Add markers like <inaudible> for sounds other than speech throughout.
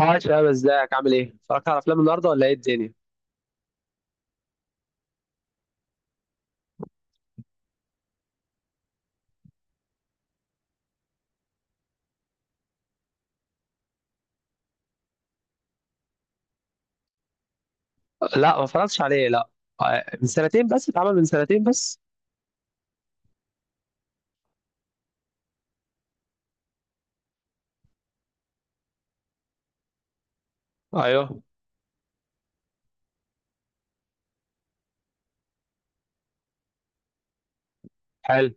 هاي شباب، ازيك؟ عامل ايه؟ اتفرجت على افلام النهارده ولا ايه الدنيا؟ لا، ما اتفرجتش عليه لا. من سنتين بس. اتعمل من سنتين بس. ايوه، حلو.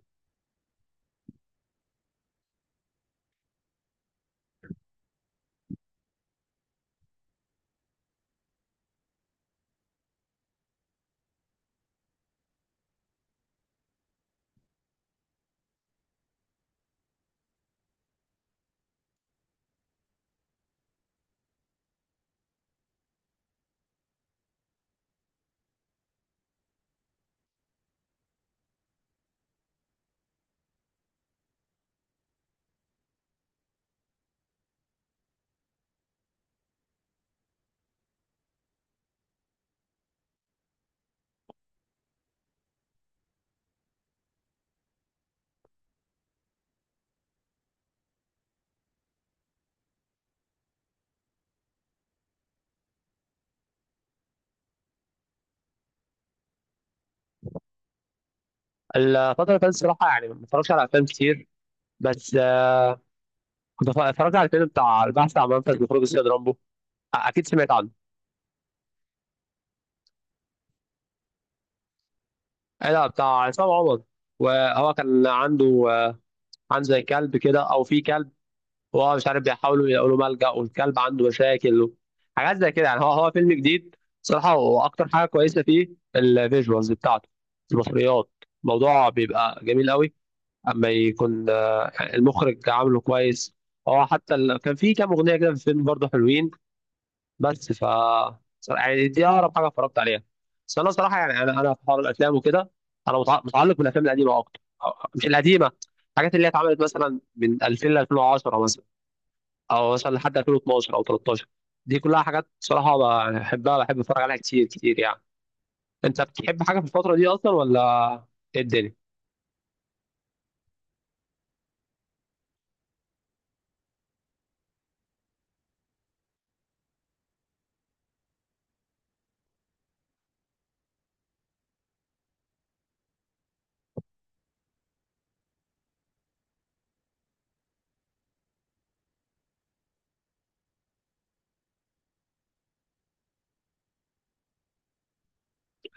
الفترة اللي فاتت صراحة يعني ما اتفرجتش على افلام كتير، بس كنت اتفرجت على الفيلم بتاع البحث عن منفذ لخروج السيد رامبو. اكيد سمعت عنه. ايه ده؟ بتاع عصام عمر، وهو كان عنده عنده زي كلب كده، او في كلب وهو مش عارف، بيحاولوا يلاقوا له ملجأ والكلب عنده مشاكل، حاجات زي كده يعني. هو فيلم جديد صراحة، وأكتر حاجة كويسة فيه الفيجوالز بتاعته، المصريات، الموضوع بيبقى جميل قوي. أما يكون المخرج عامله كويس. هو حتى كان في كام أغنية كده في الفيلم برضه حلوين. بس ف صراحة يعني دي أقرب حاجة اتفرجت عليها. بس أنا صراحة يعني، أنا في حوار الأفلام وكده، أنا متعلق بالأفلام القديمة أكتر، مش القديمة، الحاجات اللي هي اتعملت مثلا من 2000 ل 2010 مثلا، او مثلا لحد 2012 او 13، دي كلها حاجات صراحه بحبها، بحب اتفرج عليها كتير كتير يعني. انت بتحب حاجه في الفتره دي اصلا ولا ايه الدنيا؟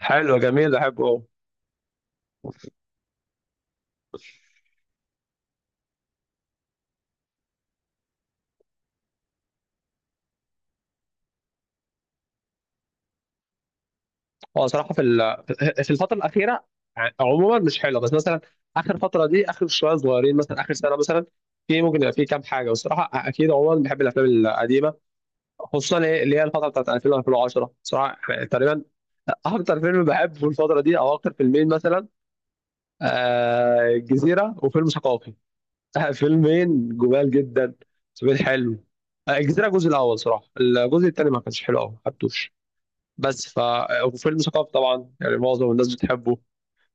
حلو، جميل، احبه أوي. هو صراحه في الفتره الاخيره عموما مش حلوه. بس مثلا اخر فتره دي، اخر شويه صغيرين، مثلا اخر سنه مثلا، في ممكن يبقى في كام حاجه. والصراحه اكيد عموما بحب الافلام القديمه، خصوصا إيه اللي هي الفتره بتاعت 2000 و 2010 صراحه. يعني تقريبا اكتر فيلم بحبه الفتره دي، او اكتر فيلمين مثلا، الجزيرة وفيلم ثقافي. فيلمين جمال جدا، فيلمين حلو. الجزيرة الجزء الأول صراحة. الجزء التاني ما كانش حلو أوي، ما حبتوش. بس ف آه، وفيلم ثقافي طبعا يعني معظم الناس بتحبه،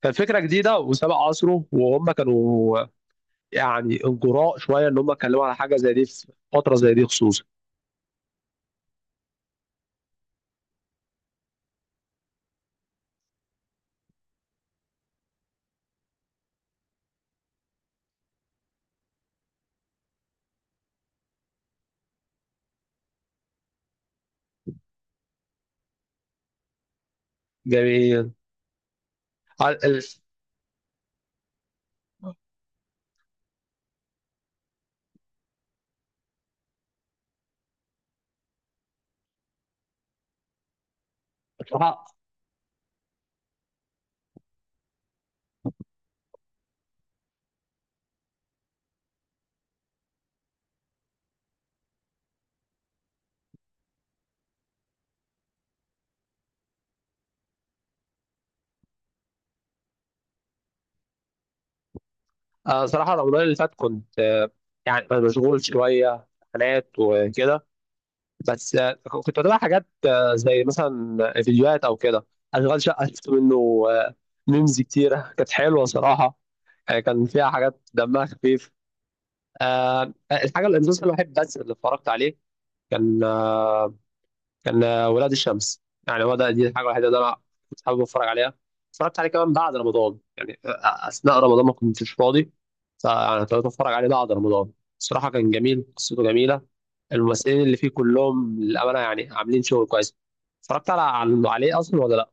كان فكرة جديدة وسبق عصره. وهم كانوا يعني انجراء شوية إن هم اتكلموا على حاجة زي دي في فترة زي دي خصوصا. جميل. على- ال- صراحة، صراحة رمضان اللي فات كنت يعني مشغول شوية، امتحانات وكده، بس كنت بتابع حاجات، زي مثلا فيديوهات او كده. اشغال شقه شفت منه آه، ميمز كتيره، كانت حلوه صراحه، كان فيها حاجات دمها خفيف. الحاجه، الانجاز الوحيد بس اللي اتفرجت عليه كان ولاد الشمس. يعني هو ده دي الحاجه الوحيده اللي انا كنت حابب اتفرج عليها. اتفرجت عليه كمان بعد رمضان، يعني اثناء رمضان ما كنتش فاضي، فانا ابتديت اتفرج عليه بعد رمضان. الصراحه كان جميل، قصته جميله، الممثلين اللي فيه كلهم للامانه يعني عاملين شغل كويس. اتفرجت على عليه اصلا ولا لا؟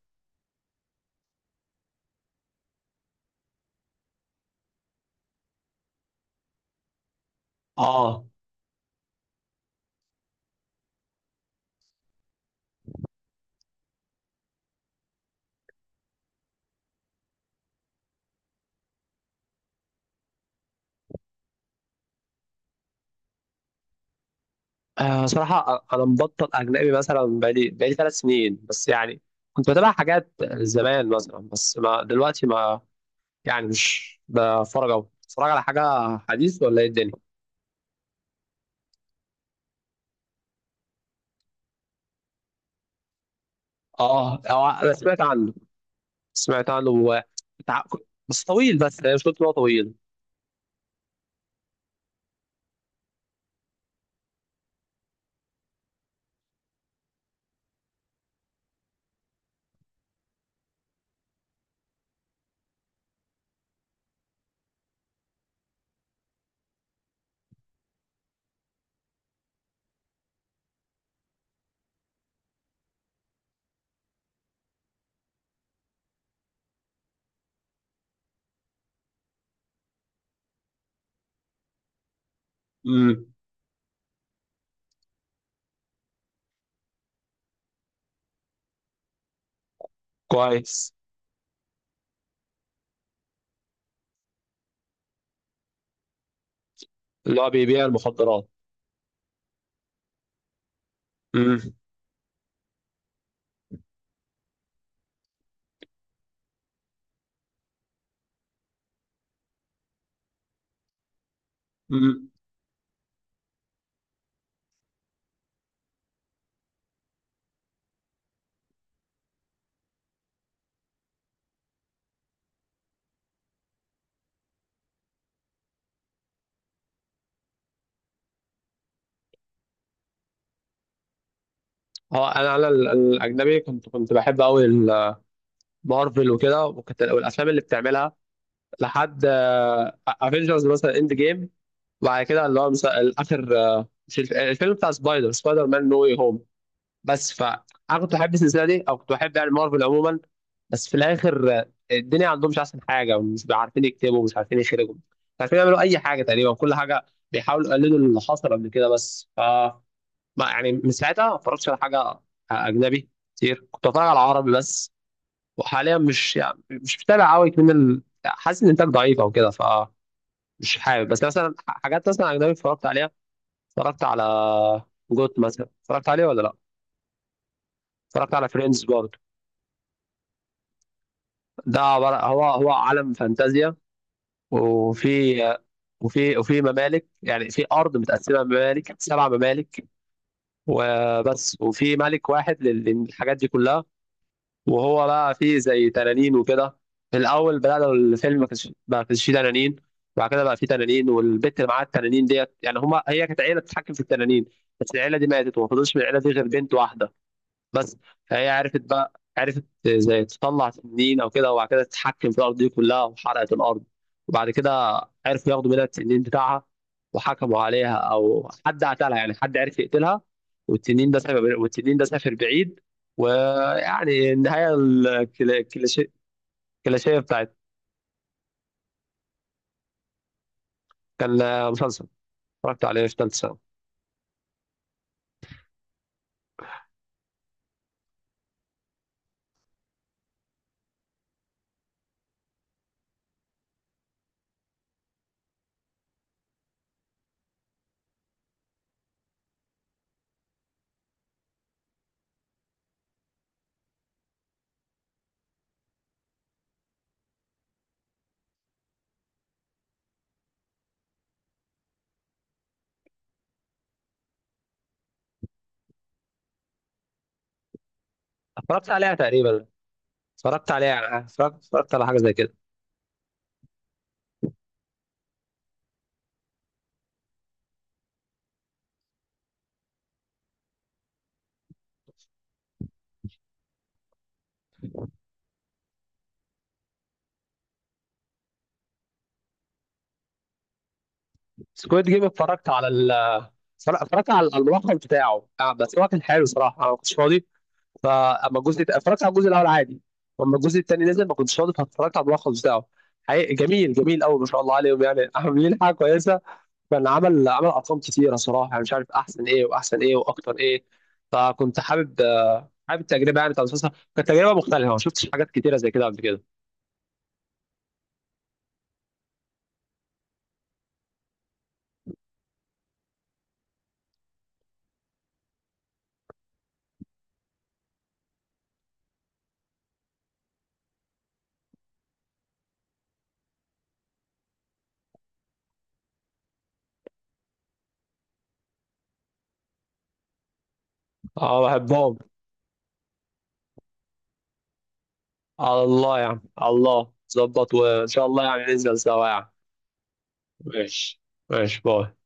اه. صراحه انا مبطل اجنبي مثلا، بقالي ثلاث سنين بس يعني. كنت بتابع حاجات زمان مثلا، بس ما دلوقتي ما، يعني مش بتفرج أوي. بتتفرج على حاجة حديث ولا إيه الدنيا؟ هو أنا سمعت عنه، سمعت عنه بتاع- بس طويل، بس أنا مش قلت إن هو طويل. امم، كويس. اللي هو بيبيع المخدرات. امم. امم. هو الأجنبي، كنت بحب أوي مارفل وكده، وكنت والأفلام اللي بتعملها لحد افنجرز مثلا، اند جيم، وبعد كده اللي هو مثلا آخر آه، مش الف- الفيلم بتاع سبايدر مان نو واي هوم. فانا كنت بحب السلسله دي، او كنت بحب يعني مارفل عموما. بس في الاخر الدنيا عندهم مش احسن حاجه، مش عارفين يكتبوا، مش عارفين يخرجوا، مش عارفين يعملوا اي حاجه. تقريبا كل حاجه بيحاولوا يقلدوا اللي حصل قبل كده. بس ف ما- يعني من ساعتها ما اتفرجتش على حاجه اجنبي كتير. كنت بتفرج على عربي بس. وحاليا مش، يعني مش متابع قوي، حاسس ان الانتاج ضعيف او كده، فمش حابب. بس مثلا حاجات مثلا اجنبي اتفرجت عليها، اتفرجت على جوت مثلا. اتفرجت عليه ولا لا؟ اتفرجت على فريندز برضه. ده عبارة، هو عالم فانتازيا، وفي وفي ممالك، يعني في أرض متقسمة، ممالك، سبع ممالك، وبس. وفي ملك واحد للحاجات دي كلها. وهو بقى فيه زي تنانين وكده. في الأول بدأنا الفيلم ما كانش فيه تنانين، بعد كده بقى فيه تنانين. والبت اللي معاها التنانين ديت، يعني هما، هي كانت عيلة بتتحكم في التنانين، بس العيلة دي ماتت وما فضلش من العيلة دي غير بنت واحدة بس. فهي عرفت بقى، عرفت زي تطلع تنين او كده، وبعد كده تتحكم في الارض دي كلها وحرقت الارض. وبعد كده عرفوا ياخدوا منها التنين بتاعها، وحكموا عليها، او حد قتلها يعني، حد عرف يقتلها. والتنين ده سافر، والتنين ده سافر بعيد. ويعني النهايه الكلاشيه، الكلاشيه بتاعت. كان مسلسل، اتفرجت عليه في ثالثه ثانوي. اتفرجت عليها تقريبا، اتفرجت عليها يعني، اتفرجت على حاجه زي كده. سكويد جيم اتفرجت على، صراحة اتفرجت على على الملخص بتاعه، بس هو كان حلو. صراحة أنا ما كنتش فاضي، اتفرجت على الجزء الأول عادي. وأما الجزء التاني نزل ما كنتش فاضي، فاتفرجت على الملخص بتاعه. حقيقي جميل، جميل قوي، ما شاء الله عليهم يعني. <laughs> عاملين حاجة كويسة، كان عمل أرقام كتيرة صراحة. يعني مش عارف أحسن إيه، وأحسن إيه، وأكتر إيه. فكنت حابب حابب التجربة يعني بتاع المسلسل، كانت تجربة مختلفة، ما شفتش حاجات كتيرة زي كده قبل كده. أه، بحبهم. على الله يعني، على الله ظبط وإن شاء الله يعني ننزل سوا يعني. ماشي. ماشي، باي.